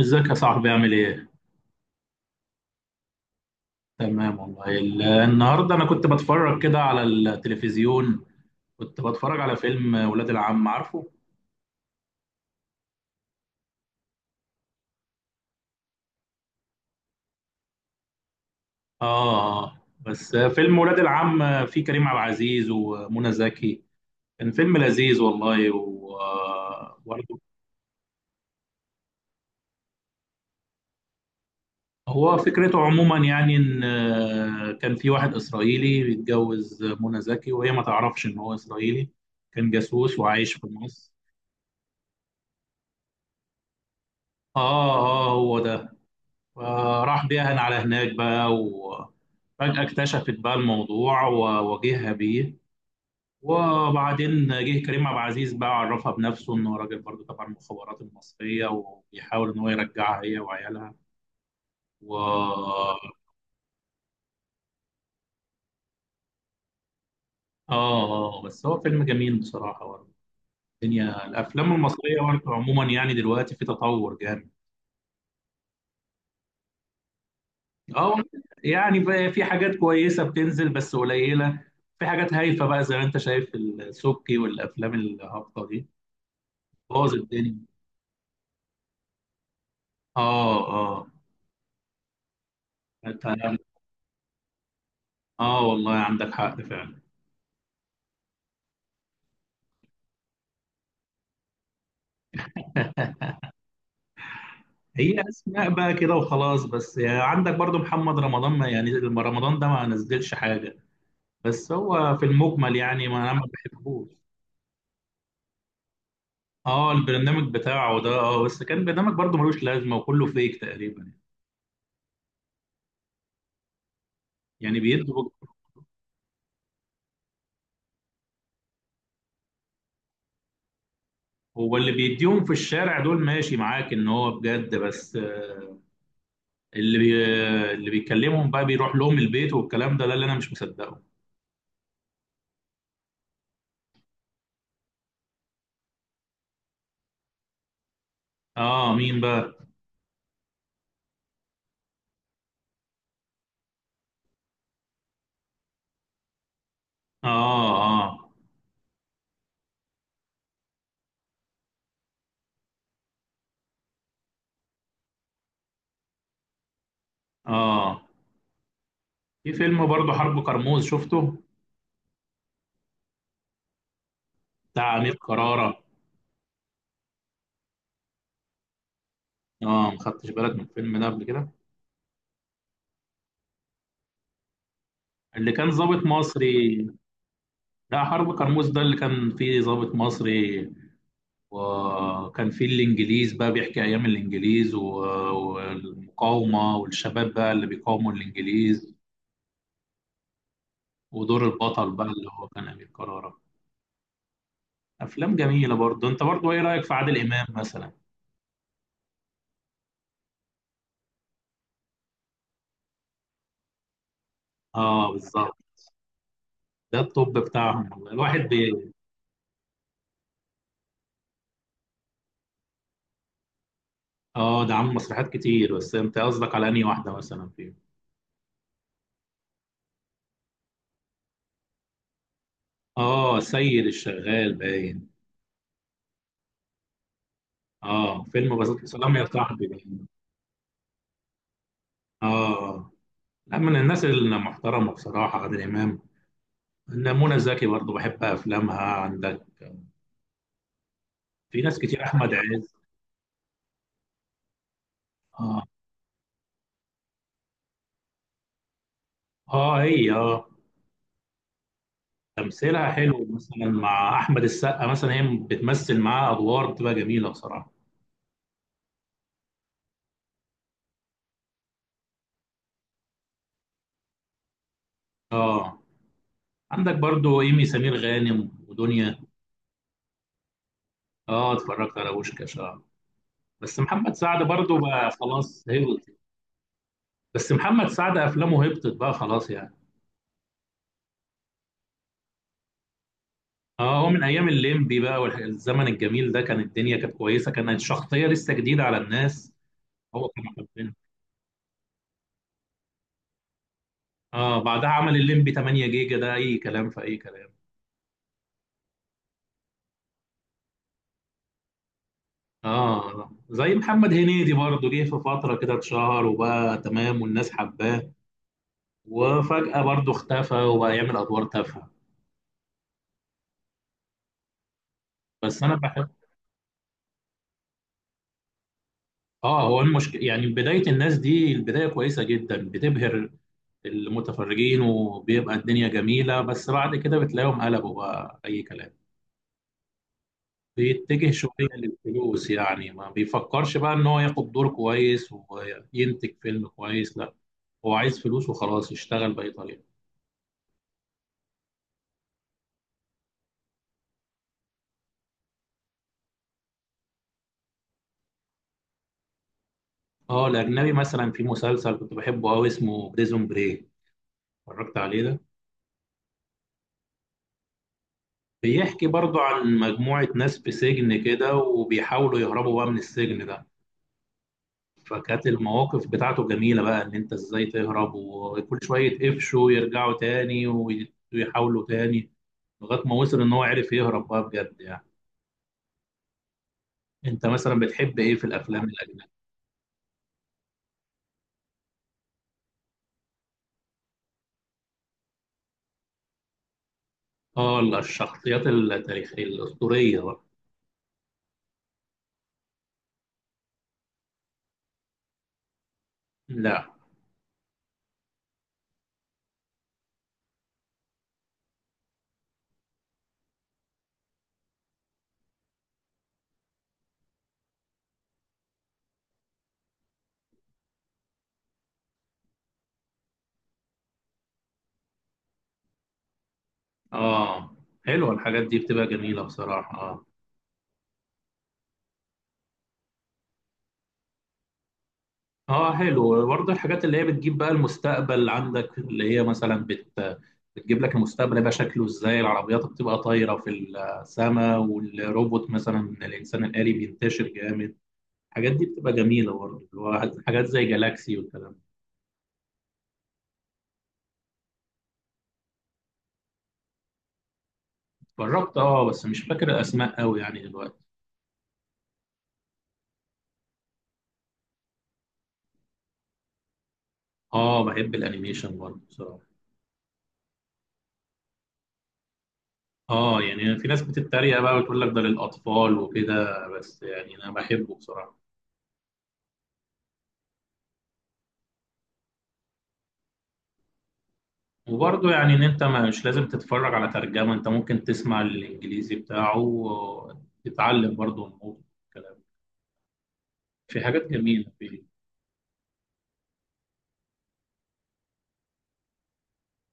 ازيك يا صاحبي، عامل ايه؟ تمام والله. النهارده انا كنت بتفرج كده على التلفزيون. كنت بتفرج على فيلم ولاد العم، عارفه؟ اه، آه. بس فيلم ولاد العم فيه كريم عبد العزيز ومنى زكي. كان فيلم لذيذ والله، و برضه. هو فكرته عموما يعني ان كان في واحد اسرائيلي بيتجوز منى زكي وهي ما تعرفش ان هو اسرائيلي، كان جاسوس وعايش في مصر. اه اه، هو ده. فراح بيها على هناك بقى، وفجأة اكتشفت بقى الموضوع وواجهها بيه. وبعدين جه كريم عبد العزيز بقى، عرفها بنفسه انه راجل برضه تبع المخابرات المصرية وبيحاول ان هو يرجعها هي وعيالها. و اه آه، آه، بس هو فيلم جميل بصراحة برضه. الدنيا الافلام المصرية برضه عموما يعني دلوقتي في تطور جامد. اه، يعني بقى في حاجات كويسة بتنزل بس قليلة. في حاجات هايفة بقى، زي ما انت شايف، السبكي والافلام الهابطة دي بوظ الدنيا. اه اه. أنت عندك- اه والله، عندك حق فعلا. هي اسماء بقى كده وخلاص، بس يعني عندك برضو محمد رمضان، ما يعني رمضان ده ما نزلش حاجه. بس هو في المجمل يعني ما انا ما بحبوش. اه، البرنامج بتاعه ده، بس كان برنامج برضو ملوش لازمه، وكله فيك تقريبا. يعني بيدوا. هو اللي بيديهم في الشارع دول ماشي معاك ان هو بجد، بس اللي بي... اللي بيكلمهم بقى بيروح لهم البيت والكلام ده اللي انا مش مصدقه. اه، مين بقى؟ اه اه اه. في فيلم برضه، حرب كرموز، شفته؟ بتاع أمير كرارة. اه، ما خدتش بالك من الفيلم ده قبل كده؟ اللي كان ضابط مصري. لا، حرب كرموز ده اللي كان فيه ضابط مصري، وكان فيه الإنجليز بقى، بيحكي أيام الإنجليز والمقاومة والشباب بقى اللي بيقاوموا الإنجليز، ودور البطل بقى اللي هو كان أمير كرارة. أفلام جميلة برضه. أنت برضه إيه رأيك في عادل إمام مثلا؟ اه، بالظبط. ده الطب بتاعهم والله الواحد. اه، ده عامل مسرحيات كتير، بس انت قصدك على انهي واحده مثلا فيهم؟ اه، السيد الشغال باين. اه، فيلم بسيط سلام يا صاحبي باين. اه، لا، من الناس المحترمه بصراحه عادل امام. إن منى زكي برضه بحب افلامها، عندك في ناس كتير، احمد عز. اه اه، هي تمثيلها حلو مثلا مع احمد السقا. مثلا هي بتمثل معاه ادوار بتبقى جميله بصراحه. اه، عندك برضو ايمي سمير غانم ودنيا. اه، اتفرجت على بوشكاش. بس محمد سعد برضه بقى خلاص هبط. بس محمد سعد افلامه هبطت بقى خلاص يعني. اه، هو من ايام الليمبي بقى والزمن الجميل ده، كان الدنيا كانت كويسه، كانت شخصيه لسه جديده على الناس. هو كان حبنا. اه، بعدها عمل الليمبي 8 جيجا، ده اي كلام في اي كلام. اه، زي محمد هنيدي برضه، جه في فتره كده اتشهر وبقى تمام والناس حباه، وفجاه برضه اختفى وبقى يعمل ادوار تافهه. بس انا بحب. اه، هو المشكله يعني بدايه الناس دي، البدايه كويسه جدا، بتبهر المتفرجين وبيبقى الدنيا جميلة، بس بعد كده بتلاقيهم قلبوا بقى أي كلام. بيتجه شوية للفلوس، يعني ما بيفكرش بقى إن هو ياخد دور كويس وينتج فيلم كويس، لا، هو عايز فلوس وخلاص، يشتغل بأي طريقة. اه، الأجنبي مثلا في مسلسل كنت بحبه أوي، اسمه بريزون بريك، اتفرجت عليه ده؟ بيحكي برضه عن مجموعة ناس في سجن كده، وبيحاولوا يهربوا بقى من السجن ده. فكانت المواقف بتاعته جميلة بقى، ان انت ازاي تهرب، وكل شوية يتقفشوا يرجعوا تاني ويحاولوا تاني، لغاية ما وصل ان هو عرف يهرب بقى بجد يعني. انت مثلا بتحب ايه في الافلام الاجنبية؟ اه لا، الشخصيات التاريخية الاسطورية بقى. لا. اه، حلوة الحاجات دي، بتبقى جميلة بصراحة، اه. اه، حلو برضه الحاجات اللي هي بتجيب بقى المستقبل. عندك اللي هي مثلا بتجيب لك المستقبل يبقى شكله ازاي، العربيات بتبقى طايرة في السماء، والروبوت مثلا، الانسان الآلي، بينتشر جامد. الحاجات دي بتبقى جميلة برضه، اللي هو حاجات زي جالاكسي والكلام ده. جربت بس مش فاكر الأسماء قوي يعني دلوقتي. اه، بحب الأنيميشن برضه بصراحة. اه، يعني في ناس بتتريق بقى وتقول لك ده للأطفال وكده، بس يعني أنا بحبه بصراحة. وبرضه يعني ان انت مش لازم تتفرج على ترجمة، انت ممكن تسمع الانجليزي بتاعه وتتعلم برضه الموضوع الكلام. في حاجات جميلة في.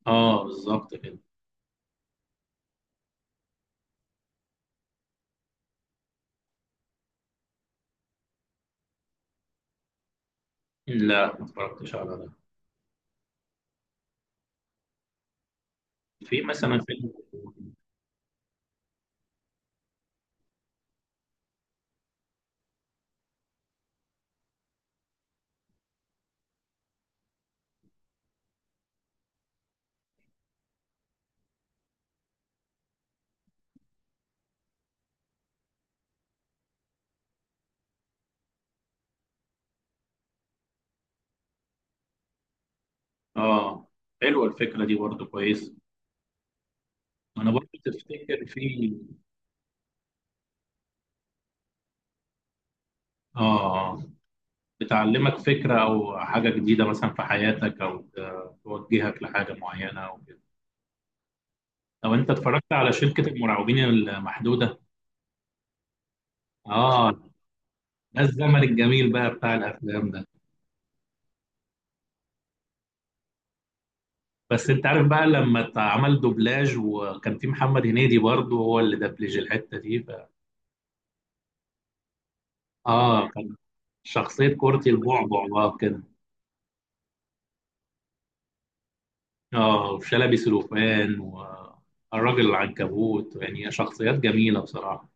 اه، بالظبط كده. لا، ما اتفرجتش على ده. في مثلا فيلم. اه، حلوة الفكرة دي برضه، كويس. انا برضه تفتكر في. اه، بتعلمك فكرة او حاجة جديدة مثلا في حياتك، او توجهك لحاجة معينة او كده. طب انت اتفرجت على شركة المراقبين المحدودة؟ اه، ده الزمن الجميل بقى بتاع الافلام ده. بس انت عارف بقى لما عمل دوبلاج وكان في محمد هنيدي برضه هو اللي دبلج الحته دي اه، كان شخصيه كورتي البعبع بقى كده. اه، وشلبي سلوفان والراجل العنكبوت، يعني شخصيات جميله بصراحه.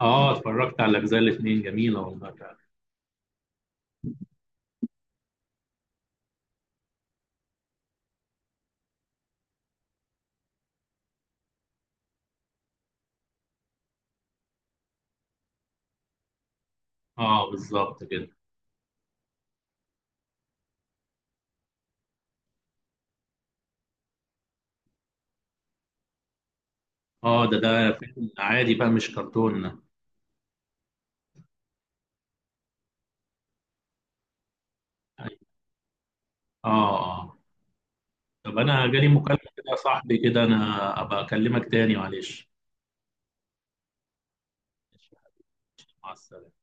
اه، اتفرجت على الاجزاء الاثنين، جميله والله فعلا. اه، بالظبط كده. اه، ده فيلم عادي بقى مش كرتون، اه. اه، طب انا جالي مكالمه كده يا صاحبي، كده انا ابقى اكلمك تاني، معلش. مع السلامه.